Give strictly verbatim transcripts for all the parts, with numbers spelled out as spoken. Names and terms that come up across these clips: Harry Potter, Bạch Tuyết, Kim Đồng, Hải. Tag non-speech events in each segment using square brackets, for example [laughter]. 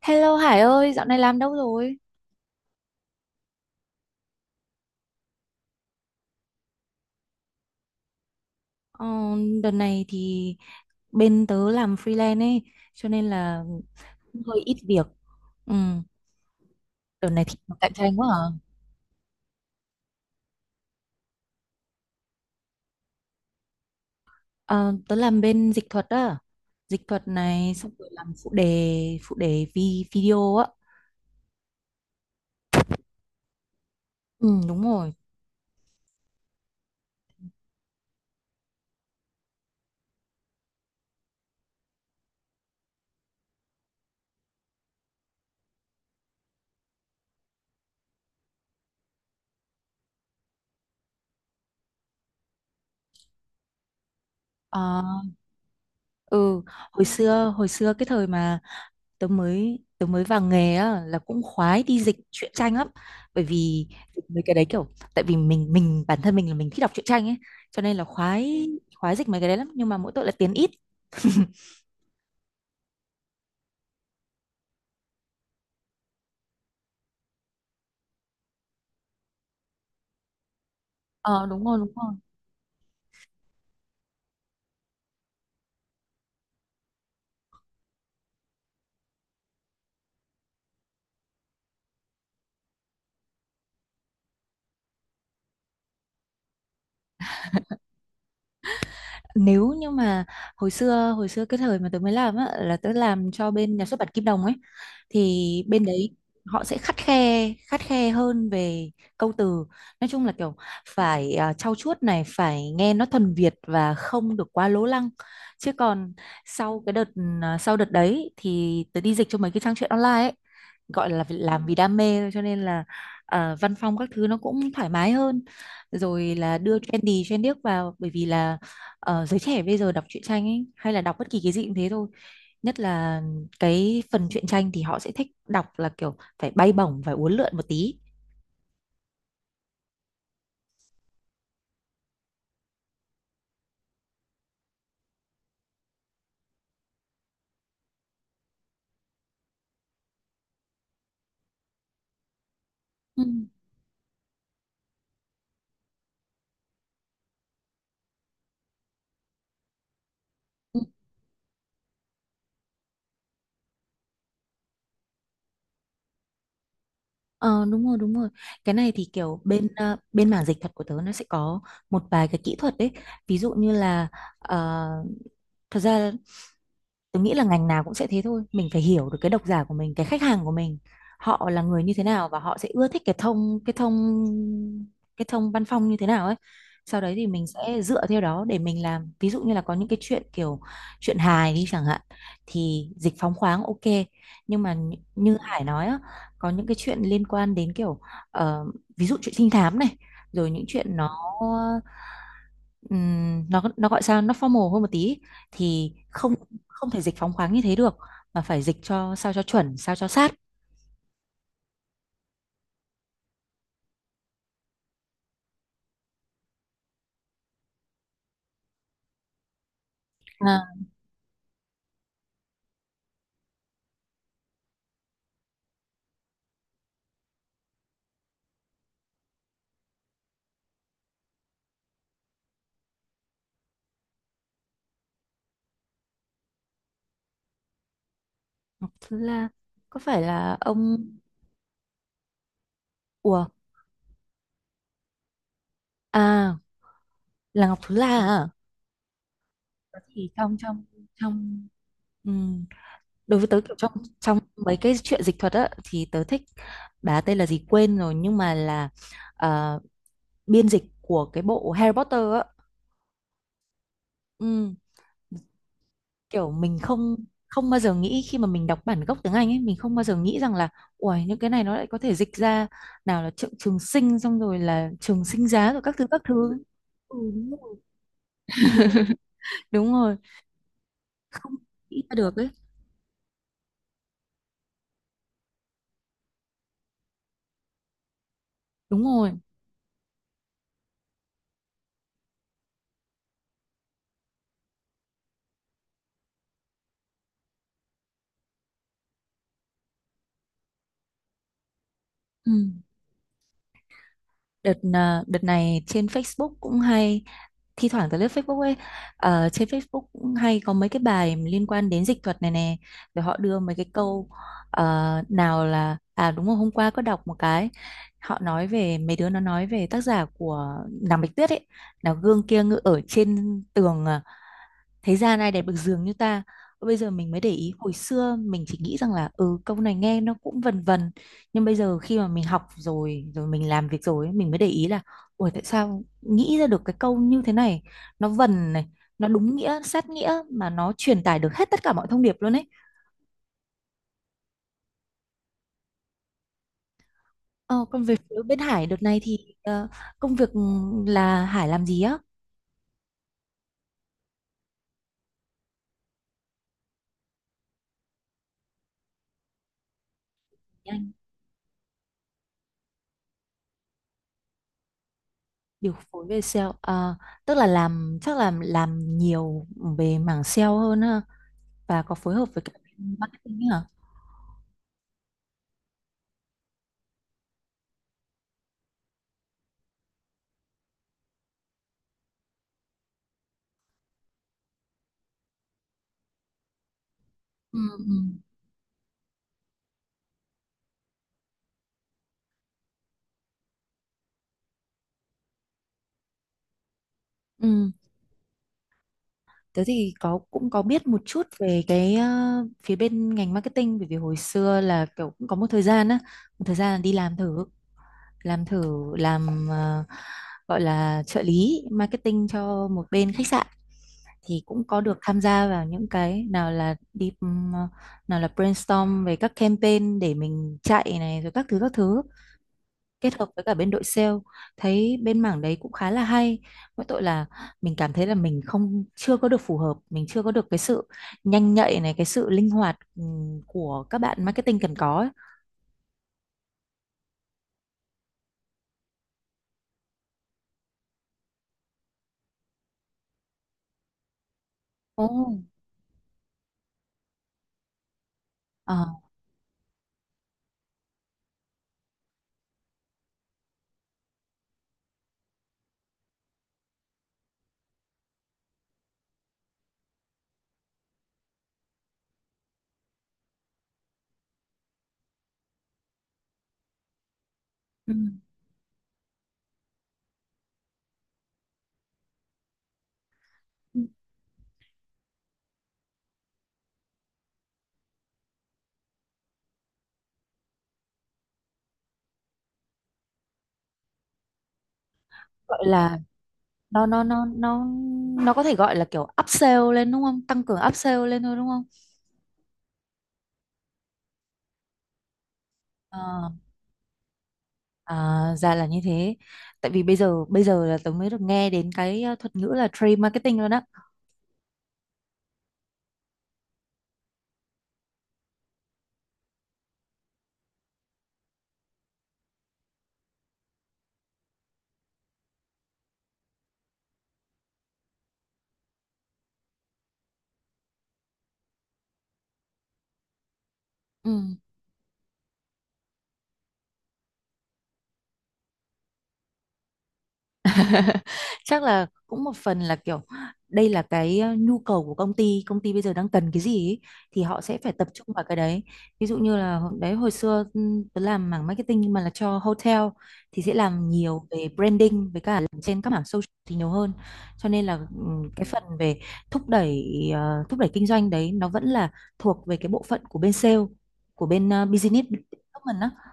Hello Hải ơi, dạo này làm đâu rồi? Ờ, Đợt này thì bên tớ làm freelance ấy, cho nên là cũng hơi ít việc. Ừ, đợt này thì cạnh tranh quá à. Ờ, Tớ làm bên dịch thuật á, dịch thuật này xong rồi làm phụ đề, phụ đề vi video á. Ừ, đúng rồi. Ờ, ừ. Hồi xưa, hồi xưa cái thời mà tớ mới tớ mới vào nghề á là cũng khoái đi dịch truyện tranh lắm, bởi vì dịch mấy cái đấy kiểu tại vì mình mình bản thân mình là mình thích đọc truyện tranh ấy, cho nên là khoái khoái dịch mấy cái đấy lắm, nhưng mà mỗi tội là tiền ít. [laughs] Ờ, đúng rồi, đúng rồi. Nếu như mà hồi xưa hồi xưa cái thời mà tớ mới làm á là tớ làm cho bên nhà xuất bản Kim Đồng ấy, thì bên đấy họ sẽ khắt khe khắt khe hơn về câu từ. Nói chung là kiểu phải à, trau chuốt này, phải nghe nó thuần Việt và không được quá lố lăng. Chứ còn sau cái đợt à, sau đợt đấy thì tớ đi dịch cho mấy cái trang truyện online ấy, gọi là vì- làm vì đam mê thôi, cho nên là à, văn phong các thứ nó cũng thoải mái hơn, rồi là đưa trendy trên điếc vào. Bởi vì là ờ, giới trẻ bây giờ đọc truyện tranh ấy, hay là đọc bất kỳ cái gì cũng thế thôi, nhất là cái phần truyện tranh thì họ sẽ thích đọc là kiểu phải bay bổng, phải uốn lượn một tí. Ừ, ừ. Ờ, đúng rồi, đúng rồi. Cái này thì kiểu bên ờ, bên mảng dịch thuật của tớ nó sẽ có một vài cái kỹ thuật đấy. Ví dụ như là ờ, thật ra tôi nghĩ là ngành nào cũng sẽ thế thôi, mình phải hiểu được cái độc giả của mình, cái khách hàng của mình, họ là người như thế nào và họ sẽ ưa thích cái thông cái thông cái thông văn phong như thế nào ấy. Sau đấy thì mình sẽ dựa theo đó để mình làm. Ví dụ như là có những cái chuyện kiểu chuyện hài đi chẳng hạn thì dịch phóng khoáng ok, nhưng mà nh- như Hải nói á, có những cái chuyện liên quan đến kiểu ờ, ví dụ chuyện trinh thám này, rồi những chuyện nó ừm, nó nó gọi sao, nó formal hơn một tí thì không không thể dịch phóng khoáng như thế được, mà phải dịch cho sao cho chuẩn sao cho sát. À, Thúy La, có phải là ông ủa à là Ngọc Thúy La à? Thế thì trong trong trong ừm, đối với tớ kiểu trong trong mấy cái chuyện dịch thuật á thì tớ thích, bà tên là gì quên rồi nhưng mà là ờ, biên dịch của cái bộ Harry Potter á. Ừ. Kiểu mình không không bao giờ nghĩ, khi mà mình đọc bản gốc tiếng Anh ấy mình không bao giờ nghĩ rằng là uầy những cái này nó lại có thể dịch ra, nào là trường, trường sinh xong rồi là trường sinh giá rồi các thứ các thứ. Ừ, đúng rồi, đúng rồi. Không nghĩ ra được ấy. Đúng rồi. Ừ. Đợt à, đợt này trên Facebook cũng hay, thi thoảng tới lướt Facebook ấy, ờ, trên Facebook cũng hay có mấy cái bài liên quan đến dịch thuật này nè, rồi họ đưa mấy cái câu. Ờ, nào là, à đúng rồi, hôm qua có đọc một cái, họ nói về mấy đứa nó nói về tác giả của nàng Bạch Tuyết ấy, là gương kia ngự ở trên tường, à, thế gian ai đẹp được giường như ta. Bây giờ mình mới để ý, hồi xưa mình chỉ nghĩ rằng là ừ câu này nghe nó cũng vần vần, nhưng bây giờ khi mà mình học rồi rồi mình làm việc rồi ấy, mình mới để ý là ủa tại sao nghĩ ra được cái câu như thế này, nó vần này, nó đúng nghĩa sát nghĩa mà nó truyền tải được hết tất cả mọi thông điệp luôn ấy. ờ, Còn về phía bên Hải đợt này thì ờ, công việc, ừ, là Hải làm gì á? Anh điều phối về sale, ờ, tức là làm chắc là làm nhiều về mảng sale hơn ha, và có phối hợp với cả bên marketing ấy hả? Ừ, ừ. Ừ, tớ thì có cũng có biết một chút về cái ờ, phía bên ngành marketing, bởi vì hồi xưa là kiểu cũng có một thời gian á, một thời gian là đi làm thử, làm thử làm ờ, gọi là trợ lý marketing cho một bên khách sạn, thì cũng có được tham gia vào những cái nào là đi ừm, ờ, nào là brainstorm về các campaign để mình chạy này rồi các thứ các thứ, kết hợp với cả bên đội sale. Thấy bên mảng đấy cũng khá là hay, mỗi tội là mình cảm thấy là mình không chưa có được phù hợp, mình chưa có được cái sự nhanh nhạy này, cái sự linh hoạt ừm, của các bạn marketing cần có ấy. Ồ. Ờ, ừ. Gọi là nó nó nó nó nó có thể gọi là kiểu upsell lên đúng không, tăng cường upsell lên thôi đúng không? Ờ, à, ra là như thế. Tại vì bây giờ bây giờ là tớ mới được nghe đến cái ờ, thuật ngữ là trade marketing luôn á. Ừ. [laughs] Chắc là cũng một phần là kiểu đây là cái ờ, nhu cầu của công ty, công ty bây giờ đang cần cái gì ý, thì họ sẽ phải tập trung vào cái đấy. Ví dụ như là hồi- đấy hồi xưa ừm, tớ làm mảng marketing nhưng mà là cho hotel, thì sẽ làm nhiều về branding, với cả làm trên các mảng social thì nhiều hơn. Cho nên là ừm, cái phần về thúc đẩy ờ, thúc đẩy kinh doanh đấy nó vẫn là thuộc về cái bộ phận của bên sale, của bên ờ, business development á.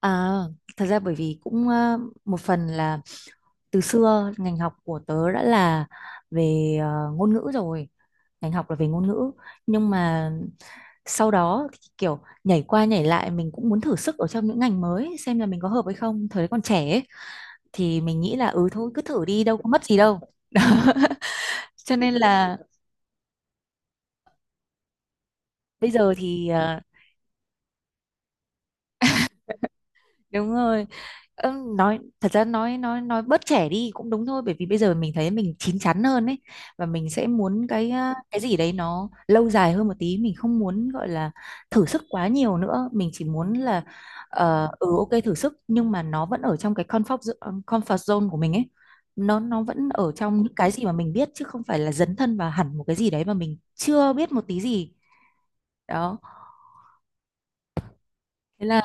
À, thật ra bởi vì cũng ờ, một phần là từ xưa ngành học của tớ đã là về ờ, ngôn ngữ rồi, ngành học là về ngôn ngữ. Nhưng mà sau đó thì kiểu nhảy qua nhảy lại, mình cũng muốn thử sức ở trong những ngành mới xem là mình có hợp hay không, thời đấy còn trẻ ấy, thì mình nghĩ là ừ thôi cứ thử đi đâu có mất gì đâu. [laughs] Cho nên là bây giờ thì ờ, đúng rồi. Ơ, nói thật ra nói nói nói bớt trẻ đi cũng đúng thôi, bởi vì bây giờ mình thấy mình chín chắn hơn ấy, và mình sẽ muốn cái à, cái gì đấy nó lâu dài hơn một tí, mình không muốn gọi là thử sức quá nhiều nữa, mình chỉ muốn là ờ, ừ ok thử sức, nhưng mà nó vẫn ở trong cái comfort zo- comfort zone của mình ấy, nó nó vẫn ở trong những cái gì mà mình biết chứ không phải là dấn thân vào hẳn một cái gì đấy mà mình chưa biết một tí gì. Đó. Thế là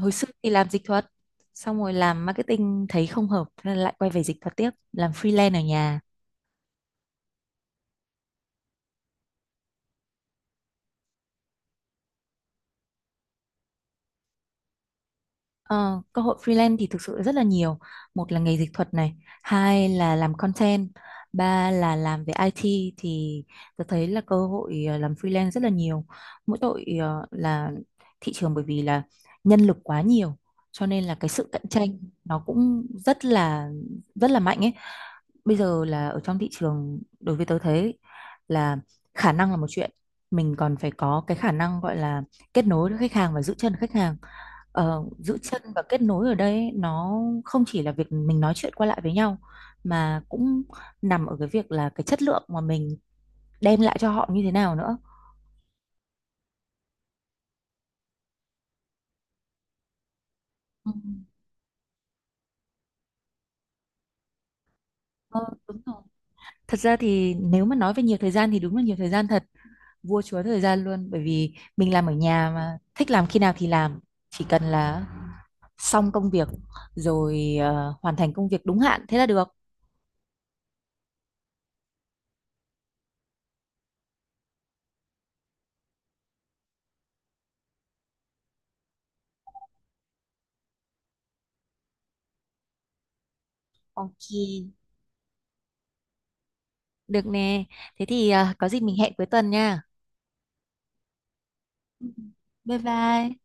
hồi xưa thì làm dịch thuật, xong rồi làm marketing thấy không hợp, thế là lại quay về dịch thuật tiếp, làm freelance ở nhà. Ờ, Cơ hội freelance thì thực sự rất là nhiều. Một là nghề dịch thuật này, hai là làm content, ba là làm về i tê thì tôi thấy là cơ hội ờ, làm freelance rất là nhiều. Mỗi tội ờ, là thị trường bởi vì là nhân lực quá nhiều, cho nên là cái sự cạnh tranh nó cũng rất là rất là mạnh ấy. Bây giờ là ở trong thị trường, đối với tớ thấy là khả năng là một chuyện, mình còn phải có cái khả năng gọi là kết nối với khách hàng và giữ chân khách hàng. Ờ, giữ chân và kết nối ở đây ấy, nó không chỉ là việc mình nói chuyện qua lại với nhau mà cũng nằm ở cái việc là cái chất lượng mà mình đem lại cho họ như thế nào nữa. Ừ. Ờ, đúng rồi. Thật ra thì nếu mà nói về nhiều thời gian thì đúng là nhiều thời gian thật, vua chúa thời gian luôn, bởi vì mình làm ở nhà mà thích làm khi nào thì làm, chỉ cần là xong công việc rồi, ờ, hoàn thành công việc đúng hạn thế là được. Ok, được nè, thế thì ờ, có gì mình hẹn cuối tuần nha. Bye bye.